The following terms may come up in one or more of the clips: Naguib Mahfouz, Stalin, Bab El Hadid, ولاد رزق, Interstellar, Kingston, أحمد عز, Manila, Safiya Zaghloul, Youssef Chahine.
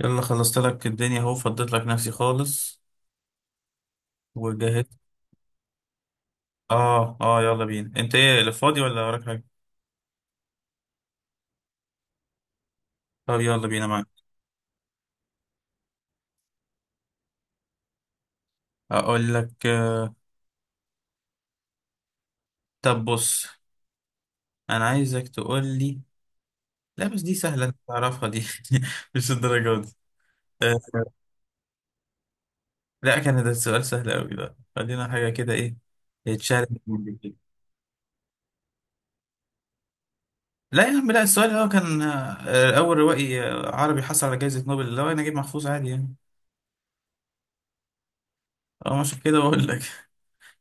يلا خلصت لك الدنيا اهو، فضيت لك نفسي خالص وجهزت. اه، يلا بينا. انت ايه اللي فاضي ولا وراك حاجه؟ طب يلا بينا معاك. اقول لك طب بص، انا عايزك تقول لي. لا بس دي سهله، انت تعرفها دي مش الدرجه دي. آه، لا كان ده السؤال سهل قوي، ده خلينا حاجه كده، ايه؟ تشالنج من جديد. لا يا عم لا، السؤال هو كان اول روائي عربي حصل على جائزه نوبل. لو انا نجيب محفوظ عادي يعني. اه، مش كده بقول لك.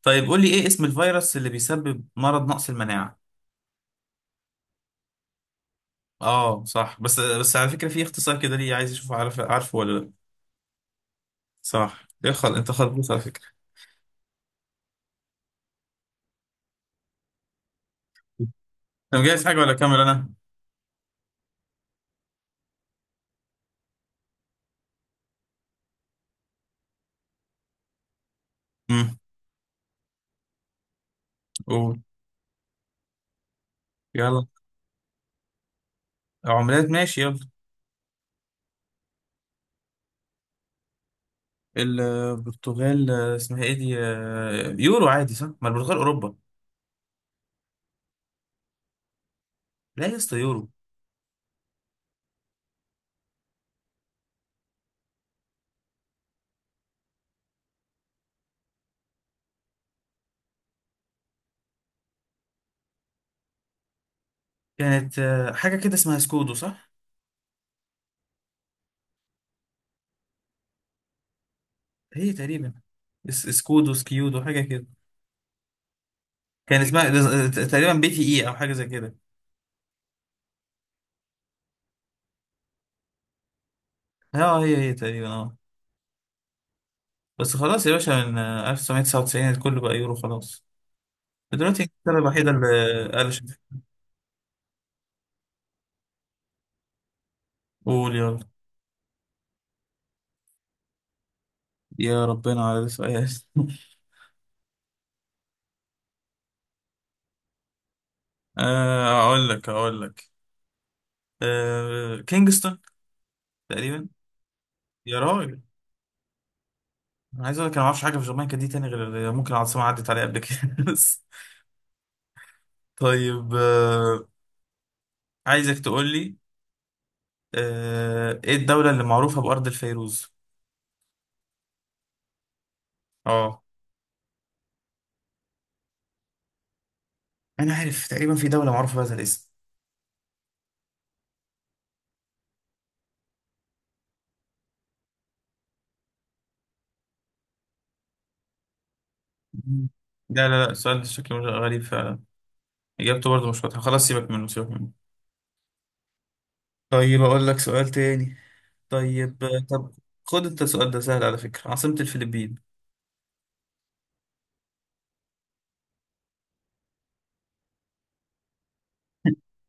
طيب قول لي، ايه اسم الفيروس اللي بيسبب مرض نقص المناعة؟ اه صح، بس على فكرة في اختصار كده، ليه؟ عايز اشوف، عارف عارفه ولا لا؟ صح، يخل انت خلبوص على فكرة. انت مجهز حاجة ولا اكمل انا؟ امم، قول يلا. عملات، ماشي يلا. البرتغال، اسمها ايه دي؟ يورو عادي صح؟ ما البرتغال اوروبا. لا يا اسطى يورو. كانت حاجة كده اسمها سكودو، صح؟ هي تقريبا سكودو سكيودو، حاجة كده. كان اسمها تقريبا بي تي اي او، حاجة زي كده. اه هي تقريبا، اه. بس خلاص يا باشا، من 1999 الكل بقى يورو، خلاص. دلوقتي انجلترا الوحيدة اللي قلشت. قول يلا. يا ربنا على سؤال اقول لك كينجستون تقريبا. يا راجل، انا عايز اقول لك، انا ما اعرفش حاجه في جامايكا دي تاني، غير اللي ممكن العاصمه عدت عليها قبل كده بس. طيب عايزك تقول لي، ايه الدوله اللي معروفه بارض الفيروز؟ اه، انا عارف تقريبا في دوله معروفه بهذا الاسم. مم. لا لا لا، السؤال ده شكله غريب فعلا، إجابته برضه مش واضحة، خلاص سيبك منه سيبك منه. طيب أقول لك سؤال تاني. طيب طب خد أنت، السؤال ده سهل على فكرة، عاصمة الفلبين.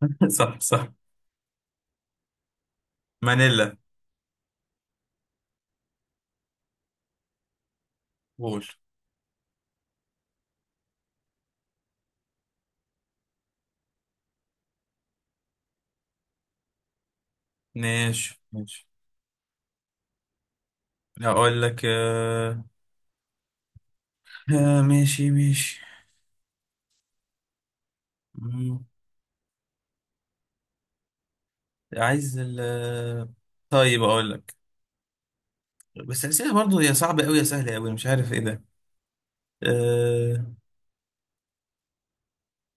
صح صح، مانيلا. قول ماشي ماشي. هقول لك آه... آه ماشي ماشي. مم. عايز ال طيب أقول لك. بس الأسئلة برضه، يا صعبة أوي يا سهلة أوي، مش عارف إيه ده. آه...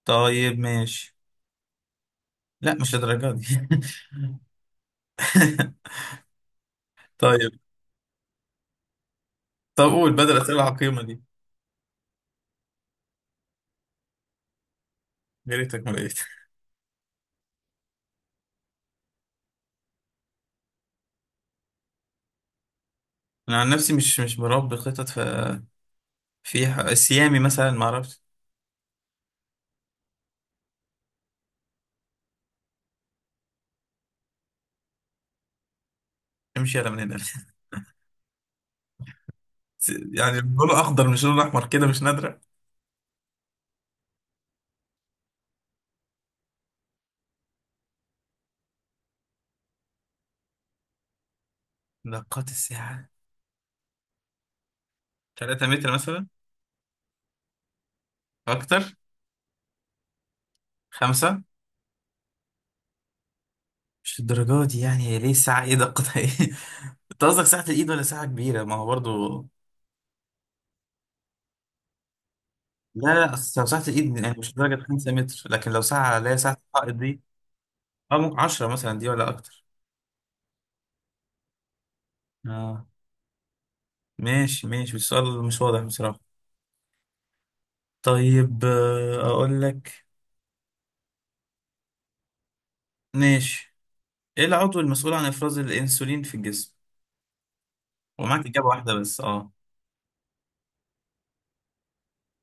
طيب ماشي. لا مش للدرجة دي طيب، طب قول بدل الأسئلة العقيمة دي. يا ريتك ما لقيت. انا عن نفسي مش بربي خطط. في فيها السيامي مثلا، ما اعرفش. امشي على من هنا. يعني لونه اخضر مش لونه احمر كده مش نادره؟ نقاط الساعه، 3 متر مثلا؟ اكتر؟ خمسة؟ مش الدرجات دي يعني، هي ليه الساعه، ايه دقتها، ايه؟ انت قصدك ساعه الايد ولا ساعه كبيره؟ ما هو برضو لا لا، أصل لو ساعه الايد يعني مش درجه 5 متر، لكن لو ساعه، لا ساعه الحائط دي، اه ممكن 10 مثلا دي ولا اكتر. اه، ماشي ماشي، السؤال مش واضح بصراحه. طيب اقول لك، ماشي. ايه العضو المسؤول عن افراز الانسولين في الجسم؟ ومعاك اجابه واحده بس، اه.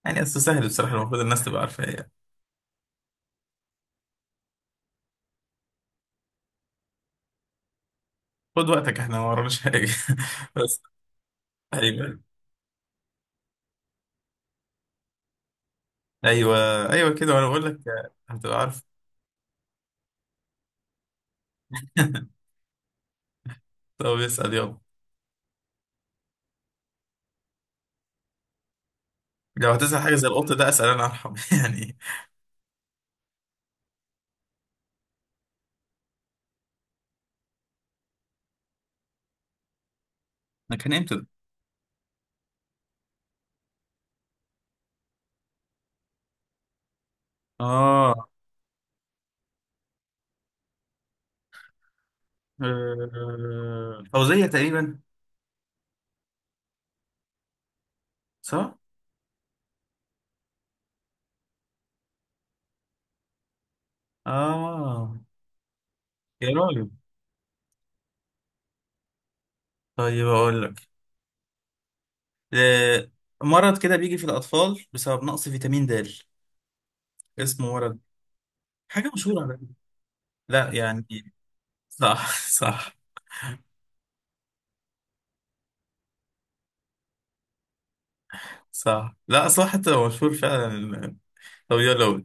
يعني اصل سهل بصراحه، المفروض الناس تبقى عارفه، ايه. خد وقتك، احنا ما وراناش حاجه بس. ايوه، ايوه ايوه كده، وانا بقول لك هتبقى عارف. طب اسال يلا. لو هتسال حاجه زي القط ده، اسال انا ارحم يعني. ده كان امتى ده؟ اه، فوزيه تقريبا. صح، اه. يا راجل. طيب اقول لك، آه، مرض كده بيجي في الاطفال بسبب نقص فيتامين د، اسمه مرض حاجة مشهورة على فكرة. لا يعني. صح صح. صح لا صح، حتى لو مشهور فعلا. لو يلا قول.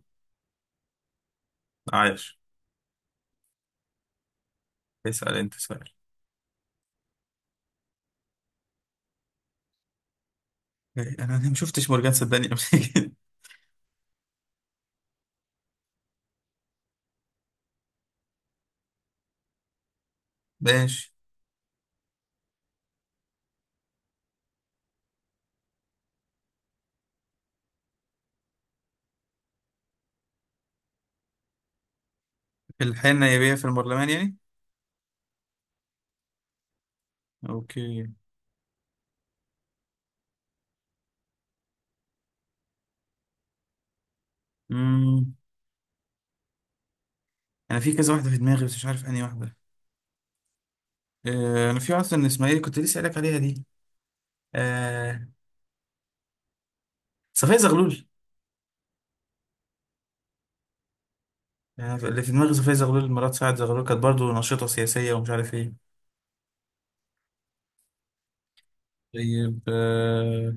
عايش. اسأل انت سؤال. إيه، انا أنا ما شفتش مورجان صدقني قبل كده. ماشي. في الحياة النيابية، في البرلمان يعني؟ اوكي. امم، انا في كذا واحدة في دماغي، بس مش عارف انهي واحدة. انا في واحدة من اسماعيل كنت لسه قايل لك عليها دي، آه، صفية زغلول. أنا اللي في دماغي صفية زغلول مرات سعد زغلول، كانت برضه نشيطة سياسية ومش عارف ايه. طيب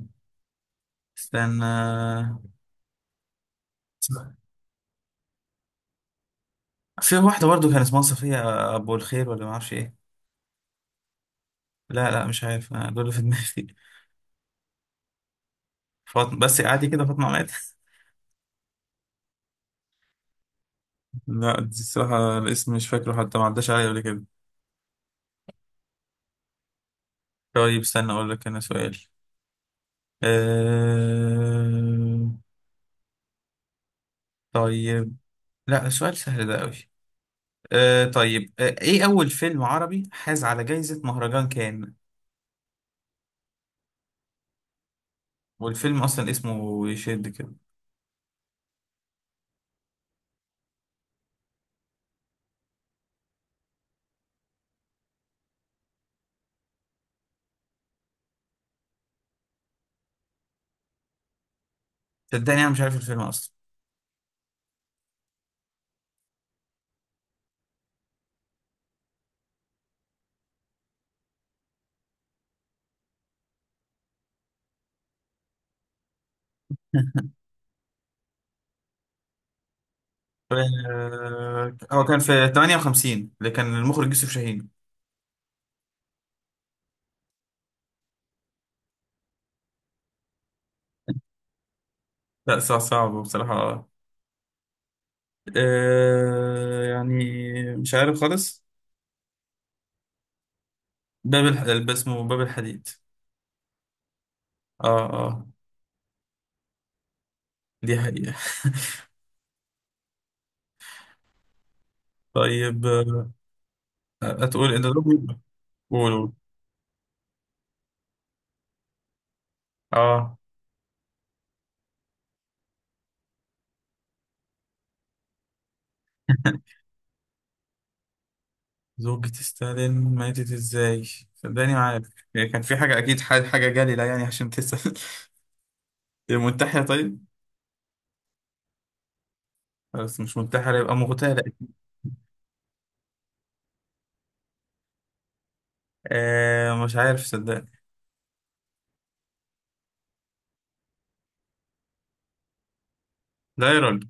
استنى. في واحدة برضو كان اسمها صفية أبو الخير ولا معرفش إيه. لا لا، مش عارف أنا، دول اللي في دماغي. فاطمة، بس عادي كده فاطمة مات لا دي الصراحة الاسم مش فاكره، حتى ما عداش عليا قبل كده. طيب استنى أقول لك أنا سؤال. أه... طيب. لا سؤال سهل ده أوي. أه طيب، أه إيه أول فيلم عربي حاز على جايزة مهرجان كان؟ والفيلم أصلا اسمه يشد كده. صدقني أنا مش عارف الفيلم أصلا أه... هو كان في 58، اللي كان المخرج يوسف شاهين. لا صعب صعب بصراحة، آه يعني، مش عارف خالص. اسمه باب الحديد. اه اه. دي حقيقة. طيب هتقول إيه ده؟ قول. قول. اه. زوجة ستالين ماتت ازاي؟ صدقني ما عارف. يعني كان في حاجة أكيد، حاجة جليلة يعني عشان تسأل منتحرة طيب؟ بس مش منتحرة، يبقى مغتالة. آه مش عارف صدقني. لا يا راجل.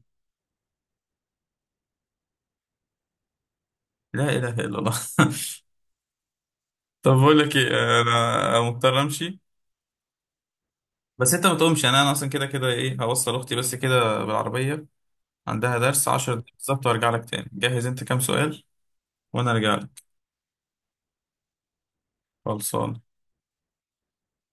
لا إله إلا الله طب بقول لك إيه، أنا مضطر أمشي. بس انت ما تقومش يعني، انا اصلا كده كده، ايه، هوصل اختي بس كده بالعربيه، عندها درس. 10 دقايق بالظبط وارجع لك تاني. جهز انت كام سؤال وانا ارجع لك. خلصان.